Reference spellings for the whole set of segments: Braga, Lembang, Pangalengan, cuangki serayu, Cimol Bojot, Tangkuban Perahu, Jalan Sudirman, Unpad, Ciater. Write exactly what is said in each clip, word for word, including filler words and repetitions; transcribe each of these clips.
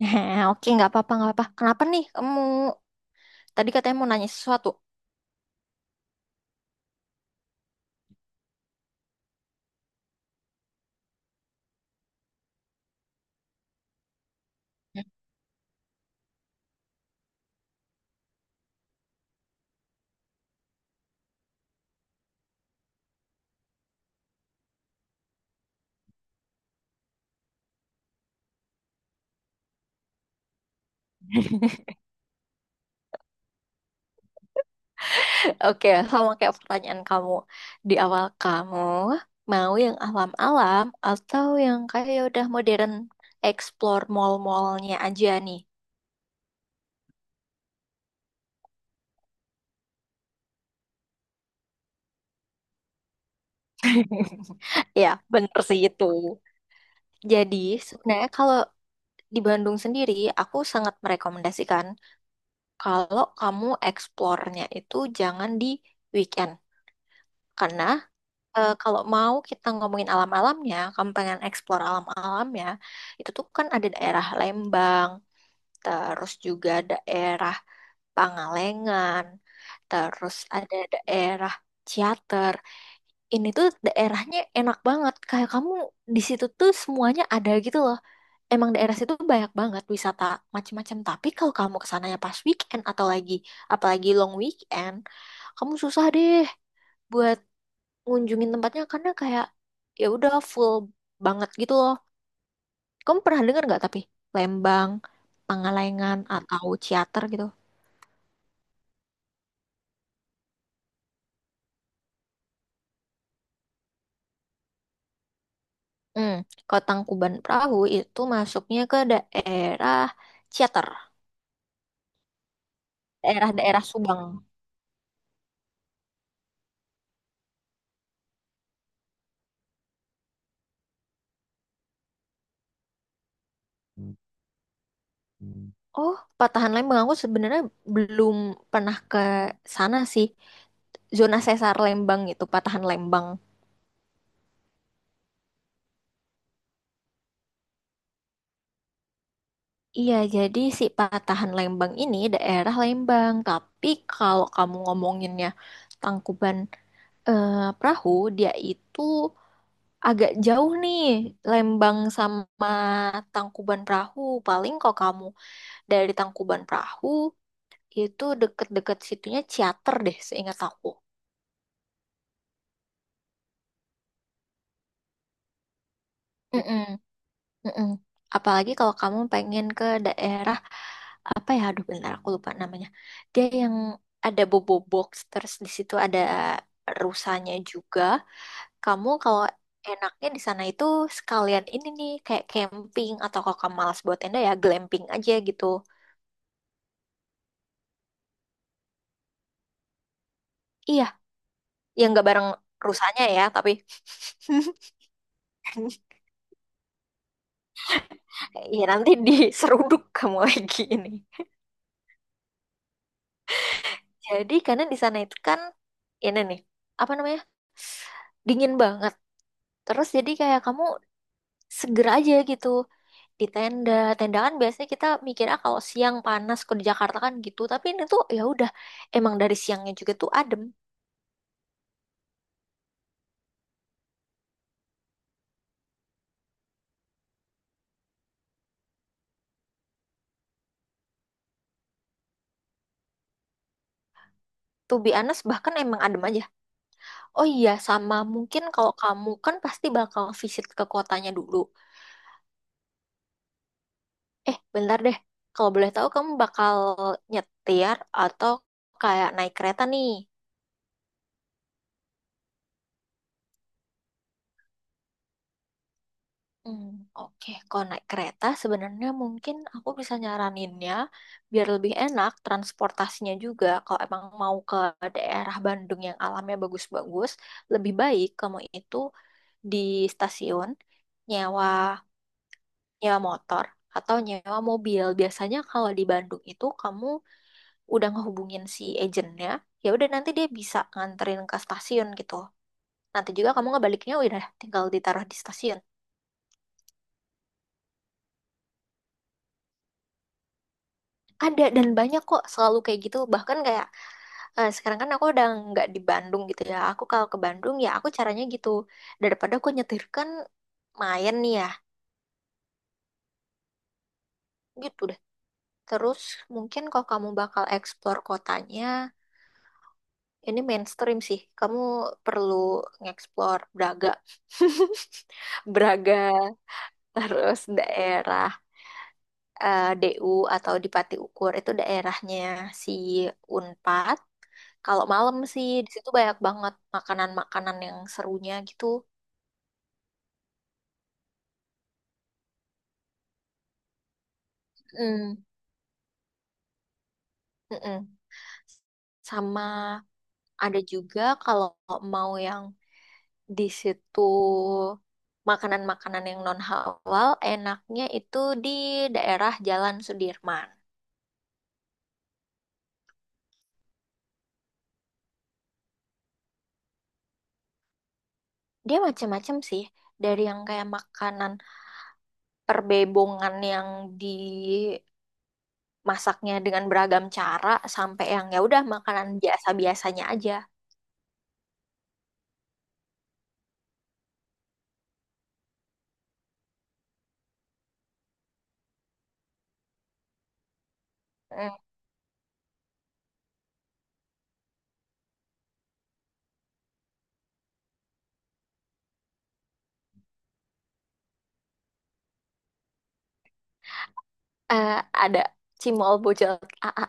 Heh, oke, nggak apa-apa, nggak apa-apa. Kenapa nih kamu tadi katanya mau nanya sesuatu? Oke, sama kayak pertanyaan kamu di awal, kamu mau yang alam-alam atau yang kayak udah modern explore mall-mallnya aja nih? Ya, bener sih itu. Jadi, sebenarnya kalau di Bandung sendiri, aku sangat merekomendasikan kalau kamu eksplornya itu jangan di weekend. Karena eh, kalau mau kita ngomongin alam-alamnya, kamu pengen explore alam-alamnya, itu tuh kan ada daerah Lembang, terus juga daerah Pangalengan, terus ada daerah Ciater. Ini tuh daerahnya enak banget. Kayak kamu di situ tuh semuanya ada gitu loh. Emang daerah situ banyak banget wisata macam-macam. Tapi kalau kamu kesananya pas weekend atau lagi apalagi long weekend, kamu susah deh buat ngunjungin tempatnya karena kayak ya udah full banget gitu loh. Kamu pernah dengar nggak tapi Lembang, Pangalengan atau Ciater gitu? Hmm, kalau Tangkuban Perahu itu masuknya ke daerah Ciater, daerah-daerah Subang. Oh, patahan Lembang aku sebenarnya belum pernah ke sana sih. Zona sesar Lembang itu patahan Lembang. Iya, jadi si patahan Lembang ini daerah Lembang. Tapi kalau kamu ngomonginnya Tangkuban eh, perahu, dia itu agak jauh nih. Lembang sama Tangkuban Perahu, paling kalau kamu dari Tangkuban Perahu itu deket-deket situnya Ciater deh seingat aku. Mm-mm. Mm-mm. Apalagi kalau kamu pengen ke daerah apa ya? Aduh, bentar aku lupa namanya. Dia yang ada bobo box terus di situ ada rusanya juga. Kamu kalau enaknya di sana itu sekalian ini nih kayak camping atau kalau kamu malas buat tenda ya glamping aja gitu. Iya, yang nggak bareng rusanya ya, tapi ya nanti diseruduk kamu lagi ini. Jadi karena di sana itu kan ini nih apa namanya dingin banget. Terus jadi kayak kamu segera aja gitu di tenda. Tenda kan biasanya kita mikirnya kalau siang panas kalau di Jakarta kan gitu. Tapi ini tuh ya udah emang dari siangnya juga tuh adem. To be honest bahkan emang adem aja. Oh iya sama mungkin kalau kamu kan pasti bakal visit ke kotanya dulu. Eh bentar deh. Kalau boleh tahu kamu bakal nyetir atau kayak naik kereta nih. Hmm, oke, kalau naik kereta sebenarnya mungkin aku bisa nyaraninnya biar lebih enak transportasinya juga. Kalau emang mau ke daerah Bandung yang alamnya bagus-bagus, lebih baik kamu itu di stasiun nyewa nyewa motor atau nyewa mobil. Biasanya kalau di Bandung itu kamu udah ngehubungin si agennya, ya udah nanti dia bisa nganterin ke stasiun gitu. Nanti juga kamu ngebaliknya udah tinggal ditaruh di stasiun. Ada dan banyak kok selalu kayak gitu. Bahkan kayak eh, sekarang kan aku udah nggak di Bandung gitu ya. Aku kalau ke Bandung ya aku caranya gitu. Daripada aku nyetir kan main nih ya. Gitu deh. Terus mungkin kalau kamu bakal explore kotanya, ini mainstream sih. Kamu perlu nge-explore Braga. Braga, terus daerah eh, D U atau di Pati Ukur itu daerahnya si Unpad. Kalau malam sih di situ banyak banget makanan-makanan yang serunya gitu. Mm, mm-mm. Sama ada juga kalau mau yang di situ makanan-makanan yang non halal, enaknya itu di daerah Jalan Sudirman. Dia macam-macam sih, dari yang kayak makanan perbebongan yang dimasaknya dengan beragam cara sampai yang ya udah makanan biasa-biasanya aja. Eh, ada Cimol Bojot a a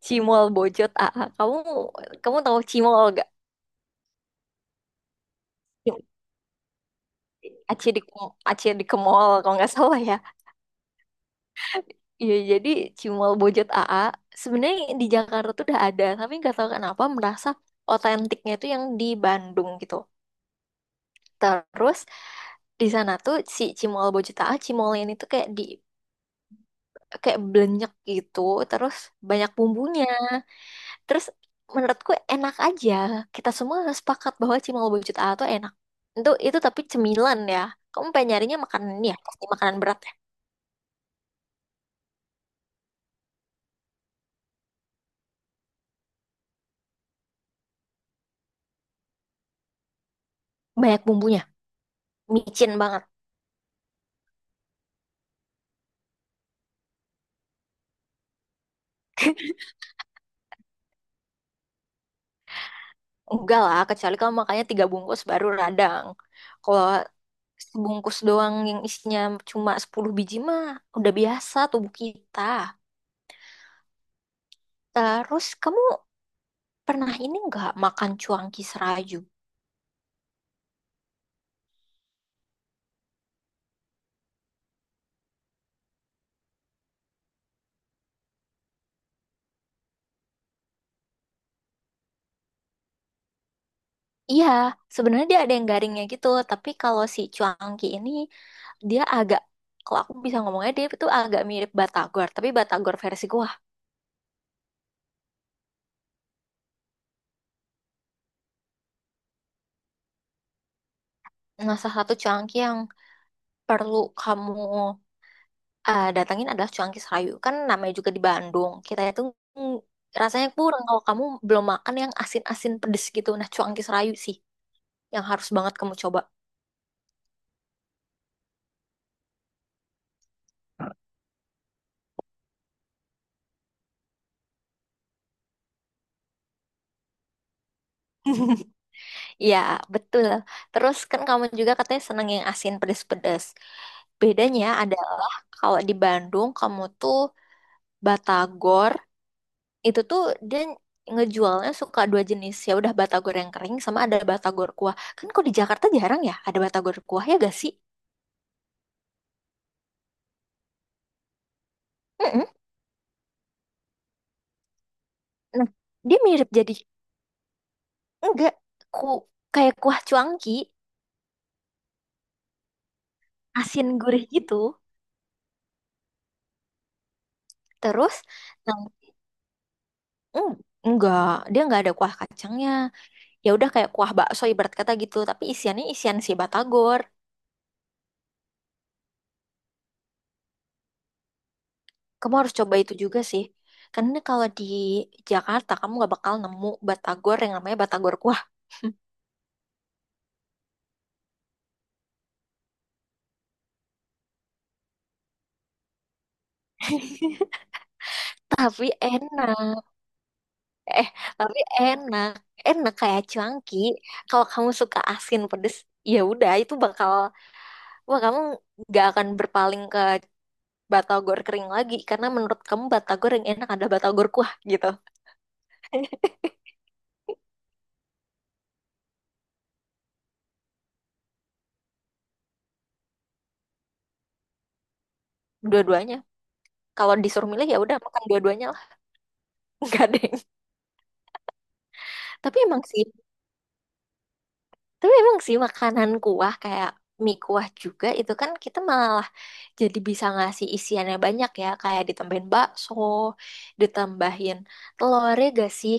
Cimol Bojot a a Kamu kamu tahu Cimol gak? Aci di Aci di Kemol kalau nggak salah ya. Iya jadi Cimol Bojot a a sebenarnya di Jakarta tuh udah ada tapi nggak tahu kenapa merasa otentiknya itu yang di Bandung gitu. Terus di sana tuh si Cimol Bojot a a Cimol ini tuh kayak di kayak belenyek gitu terus banyak bumbunya. Terus menurutku enak aja. Kita semua sepakat bahwa cimol bucut A tuh enak. Itu itu tapi cemilan ya. Kamu pengen nyarinya makanan ini ya, pasti makanan berat ya. Banyak bumbunya, micin banget. Enggak lah, kecuali kamu makannya tiga bungkus baru radang. Kalau sebungkus doang yang isinya cuma sepuluh biji mah udah biasa tubuh kita. Terus kamu pernah ini nggak makan cuangki serayu? Iya, sebenarnya dia ada yang garingnya gitu, tapi kalau si cuangki ini dia agak kalau aku bisa ngomongnya dia itu agak mirip batagor, tapi batagor versi gua. Nah, salah satu cuangki yang perlu kamu eh, datangin adalah cuangki serayu. Kan namanya juga di Bandung. Kita itu mm, rasanya kurang kalau kamu belum makan yang asin-asin pedes gitu. Nah, cuangki serayu sih yang harus banget kamu coba. Iya, betul. Terus kan kamu juga katanya seneng yang asin pedes-pedes. Bedanya adalah kalau di Bandung kamu tuh batagor itu tuh dia ngejualnya suka dua jenis, ya udah batagor yang kering sama ada batagor kuah. Kan kalau di Jakarta jarang ya ada batagor kuah ya gak sih? Mm-mm. Nah, dia mirip jadi enggak ku kayak kuah cuangki asin gurih gitu. Terus nah, mm, enggak dia enggak ada kuah kacangnya. Ya udah kayak kuah bakso ibarat kata gitu tapi isiannya isian si batagor. Kamu harus coba itu juga sih. Karena kalau di Jakarta kamu gak bakal nemu batagor yang namanya batagor kuah. Tapi enak. Eh, tapi enak. Enak kayak cuanki. Kalau kamu suka asin pedes, ya udah itu bakal wah kamu gak akan berpaling ke batagor kering lagi karena menurut kamu batagor yang enak ada batagor kuah gitu. Dua-duanya. Kalau disuruh milih ya udah makan dua-duanya lah. Enggak deh. Tapi emang sih Tapi emang sih makanan kuah kayak mie kuah juga itu kan kita malah jadi bisa ngasih isiannya banyak ya. Kayak ditambahin bakso, ditambahin telur ya gak sih?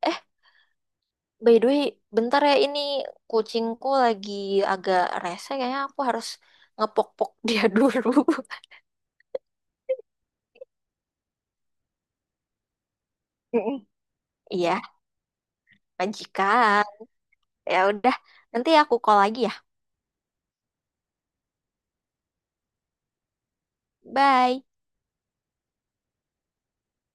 Eh, by the way, bentar ya ini kucingku lagi agak rese kayaknya aku harus ngepok-pok dia dulu. Mm-mm. Iya, majikan. Ya udah, nanti aku call lagi ya. Bye.